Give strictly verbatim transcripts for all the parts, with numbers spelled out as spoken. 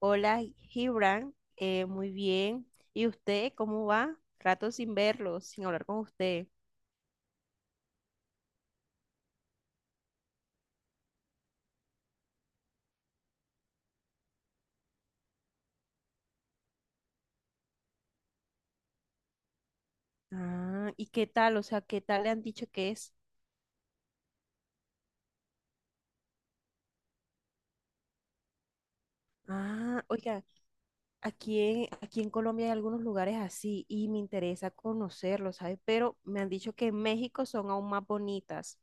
Hola, Gibran. Eh, muy bien. ¿Y usted cómo va? Rato sin verlo, sin hablar con usted. Ah, ¿y qué tal? O sea, ¿qué tal le han dicho que es? Ah, oiga, aquí en, aquí en Colombia hay algunos lugares así y me interesa conocerlos, ¿sabes? Pero me han dicho que en México son aún más bonitas.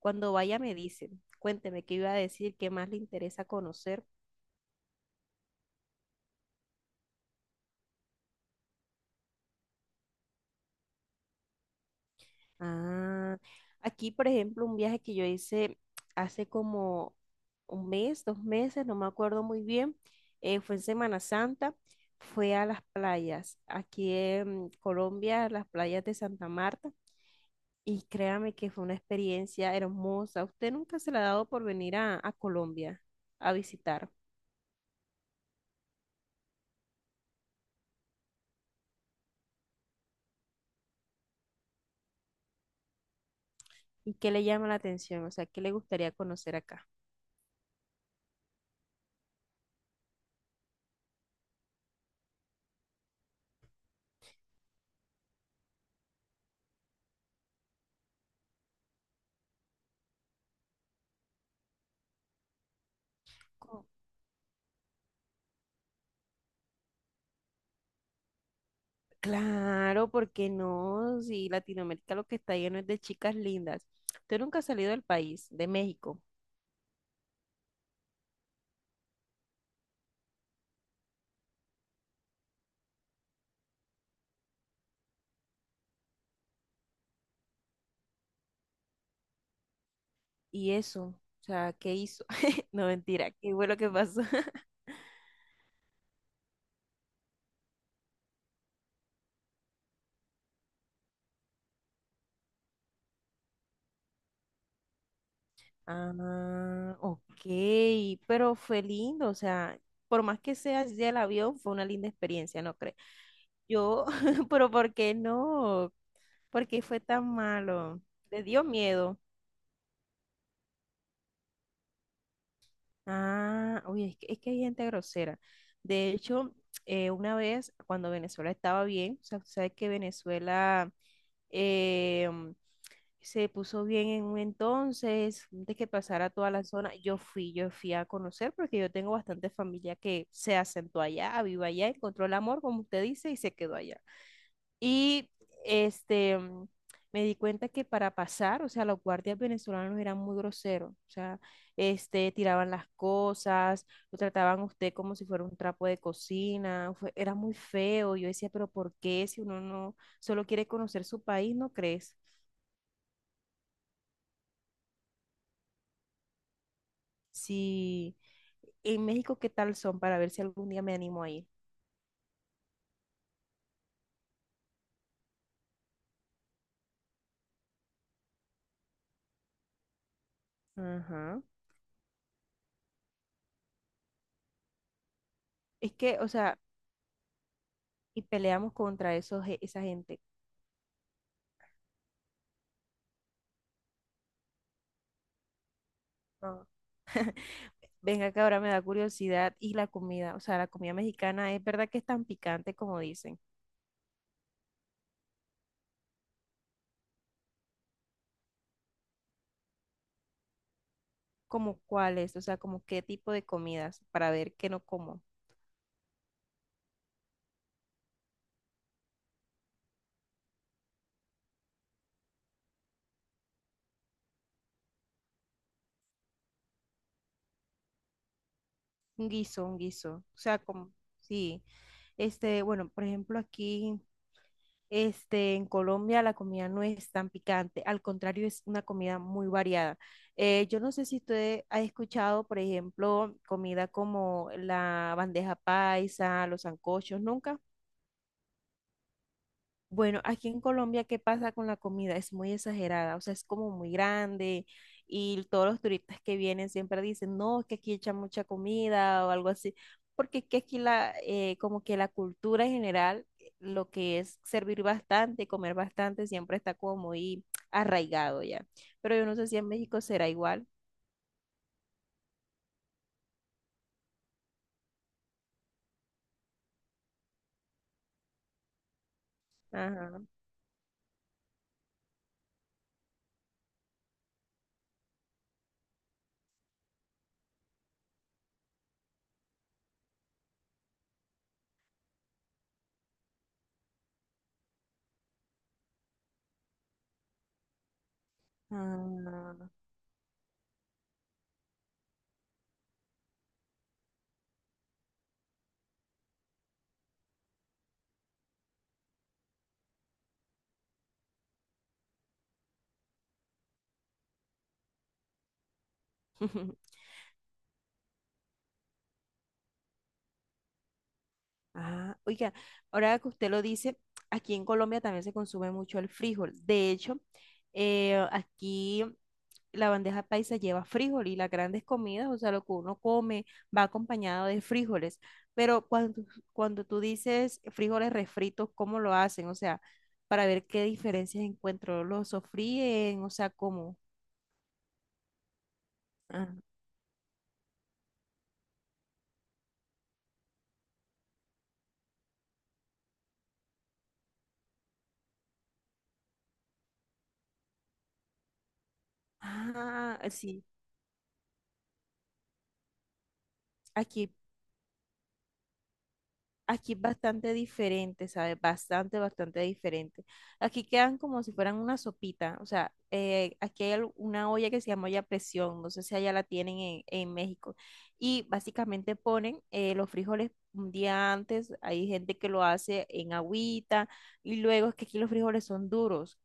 Cuando vaya me dicen, cuénteme qué iba a decir, qué más le interesa conocer. Ah, aquí, por ejemplo, un viaje que yo hice hace como un mes, dos meses, no me acuerdo muy bien, eh, fue en Semana Santa, fue a las playas, aquí en Colombia, las playas de Santa Marta, y créame que fue una experiencia hermosa. ¿Usted nunca se le ha dado por venir a, a Colombia a visitar? ¿Y qué le llama la atención? O sea, ¿qué le gustaría conocer acá? Claro, ¿porque no? Si Latinoamérica lo que está lleno es de chicas lindas. Usted nunca ha salido del país, de México. ¿Y eso? O sea, ¿qué hizo? No, mentira, ¿qué fue lo que pasó? Ah, ok, pero fue lindo, o sea, por más que sea así el avión, fue una linda experiencia, ¿no cree? Yo, pero ¿por qué no? ¿Por qué fue tan malo? ¿Le dio miedo? Ah, oye, es que, es que hay gente grosera. De hecho, eh, una vez cuando Venezuela estaba bien, o sea, tú sabes que Venezuela em, se puso bien en un entonces, antes que pasara toda la zona, yo fui, yo fui a conocer porque yo tengo bastante familia que se asentó allá, vive allá, encontró el amor, como usted dice, y se quedó allá. Y este, mm, me di cuenta que para pasar, o sea, los guardias venezolanos eran muy groseros, o sea, este, tiraban las cosas, lo trataban a usted como si fuera un trapo de cocina, fue- era muy feo. Yo decía, pero ¿por qué si uno no solo quiere conocer su país, no crees? Si en México, ¿qué tal son para ver si algún día me animo a ir? Ajá. Es que, o sea, y peleamos contra esos, ge- esa gente. Venga, que ahora me da curiosidad. Y la comida, o sea, la comida mexicana, ¿es verdad que es tan picante como dicen? ¿Como cuáles? O sea, como qué tipo de comidas para ver qué no como. Un guiso, un guiso. O sea, como, sí. Este, bueno, por ejemplo, aquí, este, en Colombia la comida no es tan picante. Al contrario, es una comida muy variada. Eh, yo no sé si usted ha escuchado, por ejemplo, comida como la bandeja paisa, los sancochos. ¿Nunca? Bueno, aquí en Colombia, ¿qué pasa con la comida? Es muy exagerada, o sea, es como muy grande y todos los turistas que vienen siempre dicen, no, es que aquí echan mucha comida o algo así, porque es que aquí la, eh, como que la cultura en general, eh, lo que es servir bastante, comer bastante, siempre está como muy arraigado ya. Pero yo no sé si en México será igual. Ajá. Ah. Ah, oiga, ahora que usted lo dice, aquí en Colombia también se consume mucho el frijol. De hecho, eh, aquí la bandeja paisa lleva frijol y las grandes comidas, o sea, lo que uno come va acompañado de frijoles. Pero cuando, cuando tú dices frijoles refritos, ¿cómo lo hacen? O sea, para ver qué diferencias encuentro, ¿lo sofríen? O sea, ¿cómo? Ah, ah, sí, aquí aquí es bastante diferente, ¿sabes? Bastante, bastante diferente. Aquí quedan como si fueran una sopita. O sea, eh, aquí hay al- una olla que se llama olla a presión. No sé si allá la tienen en, en México. Y básicamente ponen eh, los frijoles un día antes. Hay gente que lo hace en agüita. Y luego es que aquí los frijoles son duros.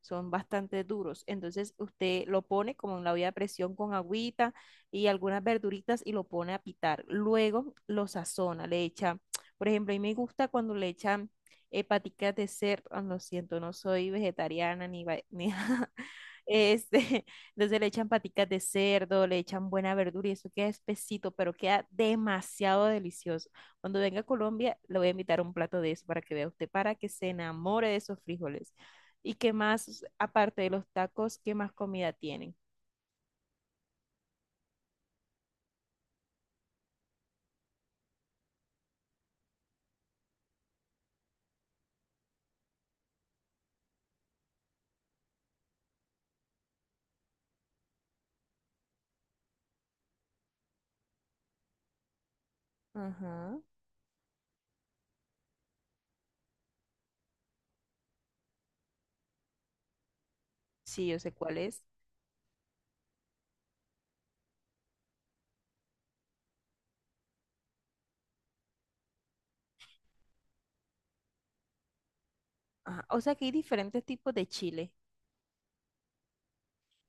Son bastante duros. Entonces usted lo pone como en la olla a presión con agüita y algunas verduritas y lo pone a pitar. Luego lo sazona, le echa. Por ejemplo, a mí me gusta cuando le echan eh, paticas de cerdo. Ah, lo siento, no soy vegetariana ni, va- ni este, entonces le echan paticas de cerdo, le echan buena verdura y eso queda espesito, pero queda demasiado delicioso. Cuando venga a Colombia, le voy a invitar un plato de eso para que vea usted, para que se enamore de esos frijoles. ¿Y qué más, aparte de los tacos, qué más comida tienen? Ajá. Sí, yo sé cuál es. Ajá, o sea que hay diferentes tipos de chile.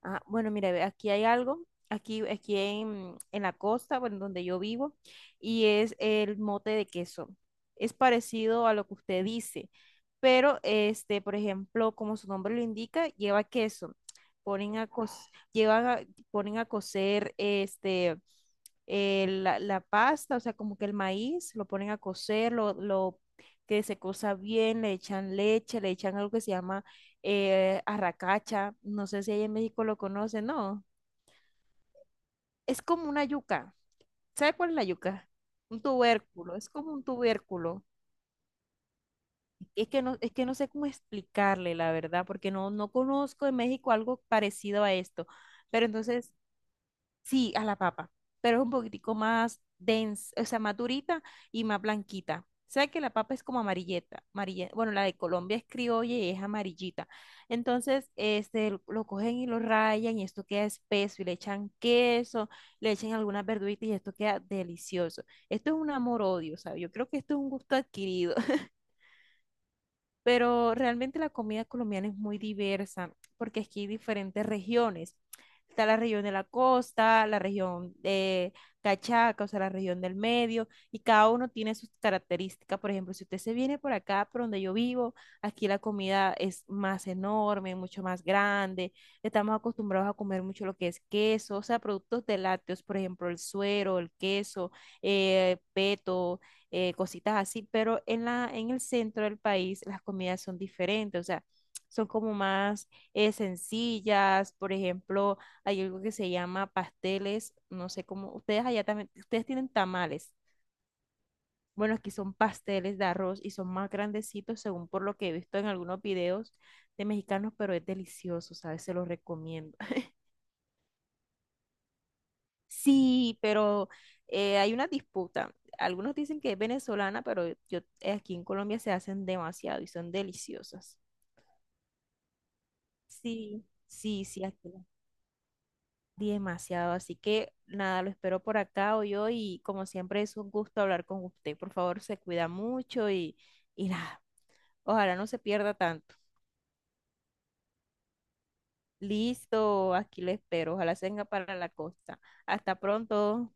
Ah, bueno, mira, ve, aquí hay algo, aquí, aquí en, en la costa, bueno, donde yo vivo, y es el mote de queso. Es parecido a lo que usted dice, pero este, por ejemplo, como su nombre lo indica, lleva queso. Ponen a co- llevan a- ponen a cocer este eh, la, la pasta, o sea, como que el maíz, lo ponen a cocer, lo, lo que se cosa bien, le echan leche, le echan algo que se llama eh, arracacha, no sé si allá en México lo conocen, no, es como una yuca. ¿Sabe cuál es la yuca? Un tubérculo, es como un tubérculo. Es que no, es que no sé cómo explicarle, la verdad, porque no, no conozco en México algo parecido a esto. Pero entonces sí, a la papa, pero es un poquitico más densa, o sea, más durita y más blanquita. ¿Sabes que la papa es como amarilleta? amarille- Bueno, la de Colombia es criolla y es amarillita. Entonces, este, lo lo cogen y lo rayan y esto queda espeso y le echan queso, le echan algunas verduritas y esto queda delicioso. Esto es un amor-odio, ¿sabes? Yo creo que esto es un gusto adquirido. Pero realmente la comida colombiana es muy diversa porque aquí hay diferentes regiones. Está la región de la costa, la región de Cachaca, o sea, la región del medio, y cada uno tiene sus características. Por ejemplo, si usted se viene por acá, por donde yo vivo, aquí la comida es más enorme, mucho más grande. Estamos acostumbrados a comer mucho lo que es queso, o sea, productos de lácteos, por ejemplo, el suero, el queso, eh, peto eh, cositas así, pero en la, en el centro del país las comidas son diferentes, o sea, son como más eh, sencillas, por ejemplo, hay algo que se llama pasteles, no sé cómo, ustedes allá también, ustedes tienen tamales, bueno, aquí son pasteles de arroz y son más grandecitos según por lo que he visto en algunos videos de mexicanos, pero es delicioso, ¿sabes? Se los recomiendo. Sí, pero eh, hay una disputa. Algunos dicen que es venezolana, pero yo eh, aquí en Colombia se hacen demasiado y son deliciosas. Sí, sí, sí, aquí las- demasiado. Así que nada, lo espero por acá hoy yo y como siempre es un gusto hablar con usted. Por favor, se cuida mucho y, y nada, ojalá no se pierda tanto. Listo, aquí le espero. Ojalá se venga para la costa. Hasta pronto.